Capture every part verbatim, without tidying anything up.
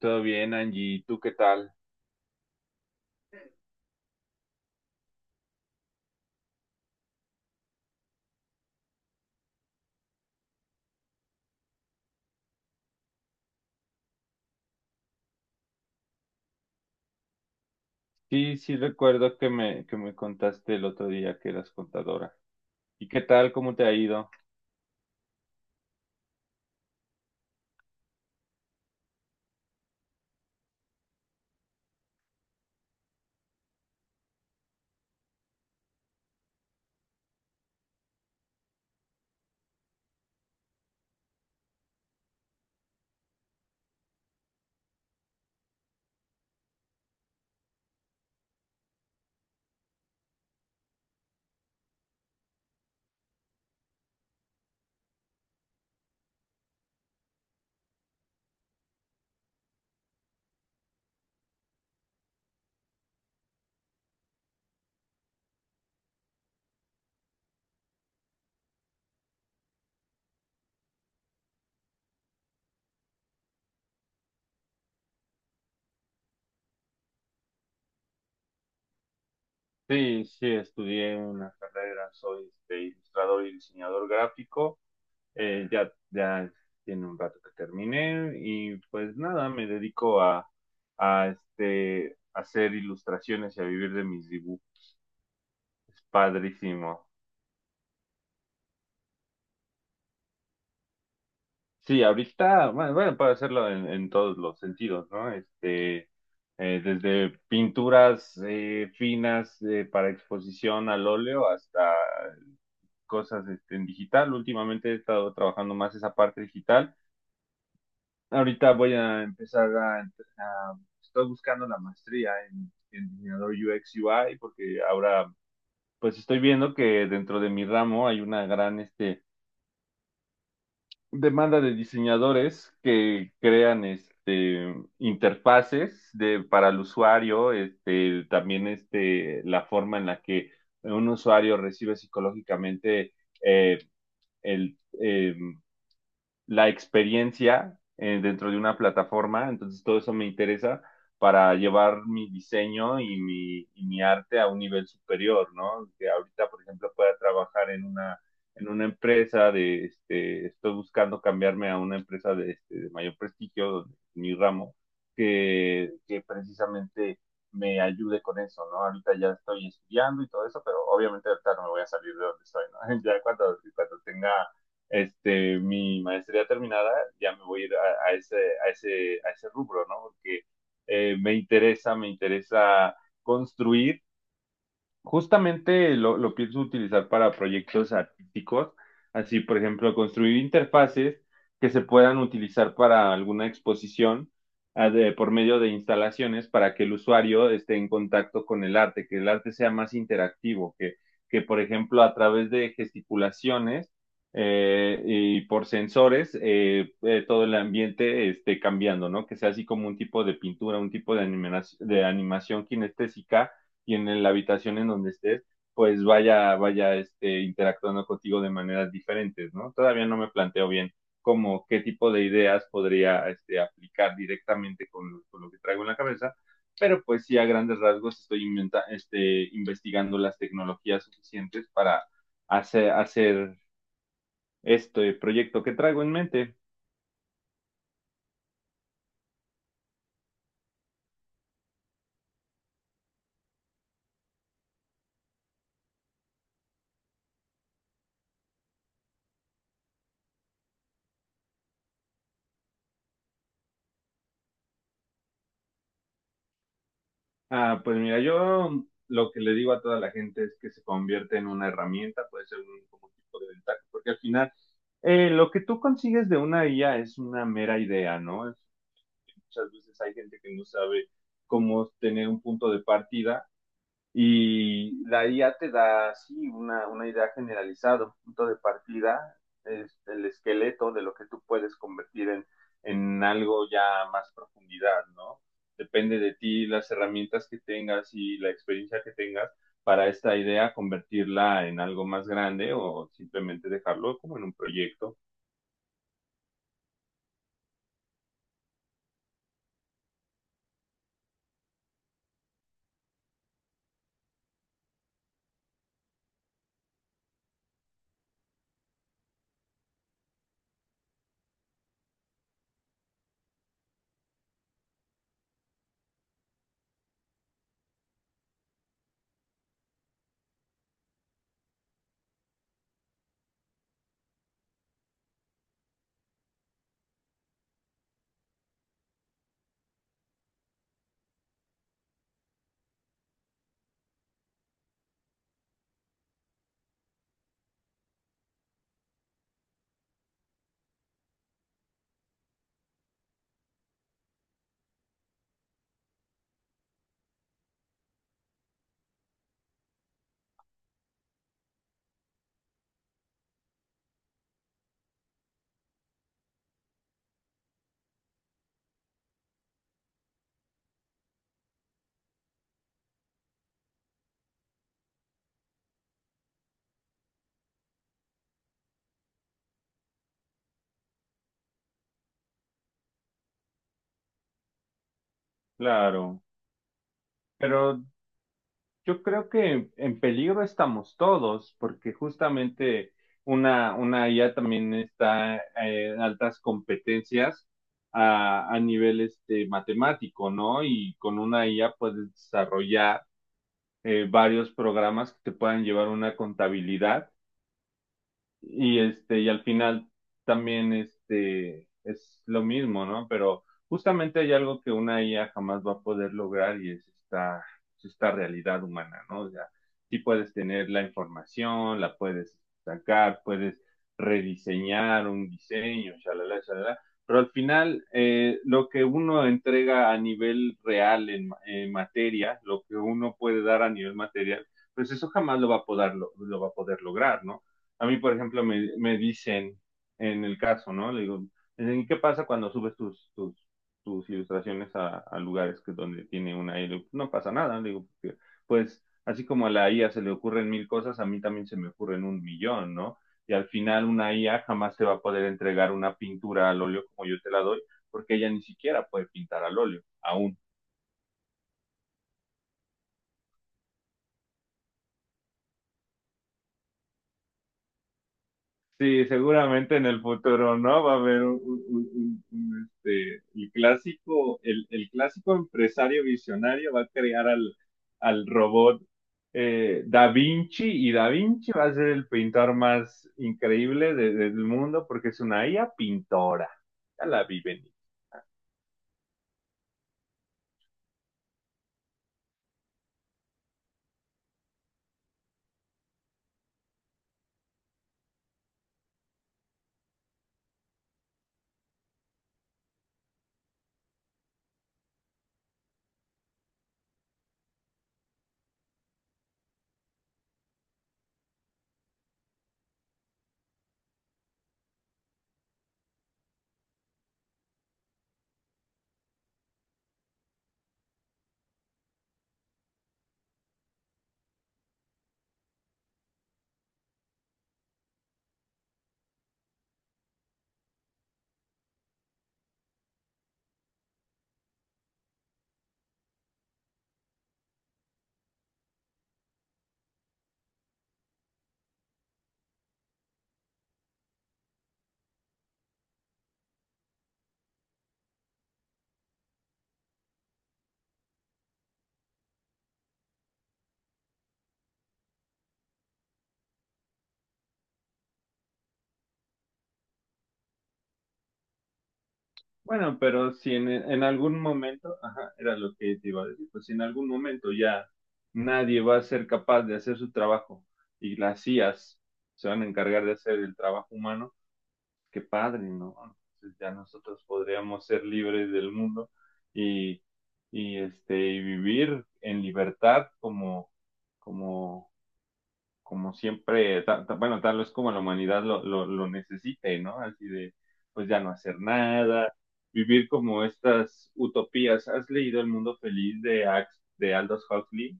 Todo bien, Angie. ¿Tú qué tal? Sí, sí recuerdo que me, que me contaste el otro día que eras contadora. ¿Y qué tal? ¿Cómo te ha ido? Sí, sí, estudié una carrera, soy este, ilustrador y diseñador gráfico. Eh, ya, ya tiene un rato que terminé y pues nada, me dedico a, a este, hacer ilustraciones y a vivir de mis dibujos. Es padrísimo. Sí, ahorita, bueno, bueno, puede hacerlo en, en todos los sentidos, ¿no? Este, eh, desde pinturas eh, finas eh, para exposición al óleo hasta cosas este, en digital. Últimamente he estado trabajando más esa parte digital. Ahorita voy a empezar a, a- estoy buscando la maestría en, en diseñador U X U I, porque ahora pues estoy viendo que dentro de mi ramo hay una gran este demanda de diseñadores que crean este interfaces de para el usuario, este también este la forma en la que un usuario recibe psicológicamente eh, el eh, la experiencia eh, dentro de una plataforma. Entonces todo eso me interesa para llevar mi diseño y mi, y mi arte a un nivel superior, ¿no? Que ahorita, por ejemplo, pueda trabajar en una, en una empresa de, este, estoy buscando cambiarme a una empresa de, este, de mayor prestigio, donde mi ramo, que, que precisamente me ayude con eso, ¿no? Ahorita ya estoy estudiando y todo eso, pero obviamente ahorita no me voy a salir de donde estoy, ¿no? Ya cuando, cuando tenga este, mi maestría terminada, ya me voy a ir a, a ese, a, ese, a ese rubro, ¿no? Porque eh, me interesa, me interesa construir. Justamente lo, lo pienso utilizar para proyectos artísticos, así por ejemplo construir interfaces que se puedan utilizar para alguna exposición, ah, de por medio de instalaciones para que el usuario esté en contacto con el arte, que el arte sea más interactivo, que, que por ejemplo a través de gesticulaciones eh, y por sensores, eh, eh, todo el ambiente esté cambiando, ¿no? Que sea así como un tipo de pintura, un tipo de animación, de animación kinestésica, y en la habitación en donde estés, pues vaya, vaya este, interactuando contigo de maneras diferentes, ¿no? Todavía no me planteo bien como qué tipo de ideas podría este, aplicar directamente con, con, lo que traigo en la cabeza, pero pues sí a grandes rasgos estoy inventa, este, investigando las tecnologías suficientes para hacer, hacer este proyecto que traigo en mente. Ah, pues mira, yo lo que le digo a toda la gente es que se convierte en una herramienta, puede ser un, como tipo de ventaja, porque al final eh, lo que tú consigues de una I A es una mera idea, ¿no? Es muchas veces hay gente que no sabe cómo tener un punto de partida, y la I A te da así una, una idea generalizada, un punto de partida, es el esqueleto de lo que tú puedes convertir en, en algo ya más profundidad, ¿no? Depende de ti las herramientas que tengas y la experiencia que tengas para esta idea, convertirla en algo más grande o simplemente dejarlo como en un proyecto. Claro, pero yo creo que en peligro estamos todos, porque justamente una, una I A también está eh, en altas competencias a, a nivel este, matemático, ¿no? Y con una I A puedes desarrollar eh, varios programas que te puedan llevar una contabilidad, y este, y al final también este es lo mismo, ¿no? Pero justamente hay algo que una I A jamás va a poder lograr, y es esta, es esta realidad humana, ¿no? O sea, sí puedes tener la información, la puedes sacar, puedes rediseñar un diseño, shalala, shalala, pero al final eh, lo que uno entrega a nivel real en, en materia, lo que uno puede dar a nivel material, pues eso jamás lo va a poder, lo lo va a poder lograr, ¿no? A mí, por ejemplo, me, me dicen en el caso, ¿no? Le digo: "¿Y qué pasa cuando subes tus, tus, tus ilustraciones a, a lugares que donde tiene una I? A? Le digo, no pasa nada, le digo, porque pues así como a la I A se le ocurren mil cosas, a mí también se me ocurren un millón, ¿no? Y al final una I A jamás te va a poder entregar una pintura al óleo como yo te la doy, porque ella ni siquiera puede pintar al óleo, aún. Sí, seguramente en el futuro, ¿no? Va a haber un, un- un- un- un, este, el clásico, el, el clásico empresario visionario va a crear al, al robot eh, Da Vinci, y Da Vinci va a ser el pintor más increíble de- del mundo, porque es una I A pintora. Ya la viven. Bueno, pero si en, en algún momento, ajá, era lo que te iba a decir, pues si en algún momento ya nadie va a ser capaz de hacer su trabajo y las I As se van a encargar de hacer el trabajo humano, qué padre, ¿no? Entonces ya nosotros podríamos ser libres del mundo y, y, este, y vivir en libertad como, como como siempre, ta- ta- bueno, tal vez como la humanidad lo, lo, lo necesite, ¿no? Así de, pues ya no hacer nada, vivir como estas utopías. ¿Has leído El mundo feliz de Ax- de Aldous Huxley?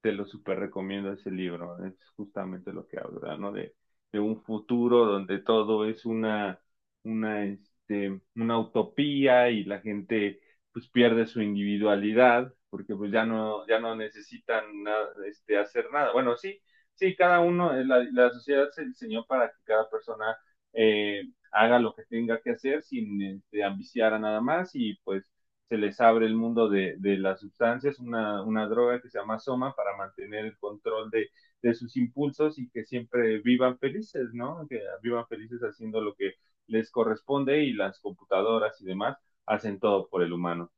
Te lo súper recomiendo, ese libro. Es justamente lo que habla, ¿no? De, de un futuro donde todo es una, una, este, una utopía, y la gente pues pierde su individualidad, porque pues ya no, ya no necesitan nada, este, hacer nada. Bueno, sí, sí, cada uno, eh, la, la sociedad se diseñó para que cada persona eh, haga lo que tenga que hacer sin este, ambiciar a nada más, y pues se les abre el mundo de, de las sustancias, una, una, droga que se llama soma para mantener el control de, de, sus impulsos, y que siempre vivan felices, ¿no? Que vivan felices haciendo lo que les corresponde, y las computadoras y demás hacen todo por el humano.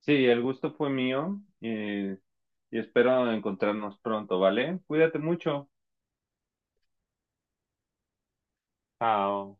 Sí, el gusto fue mío, eh, y espero encontrarnos pronto, ¿vale? Cuídate mucho. Chao.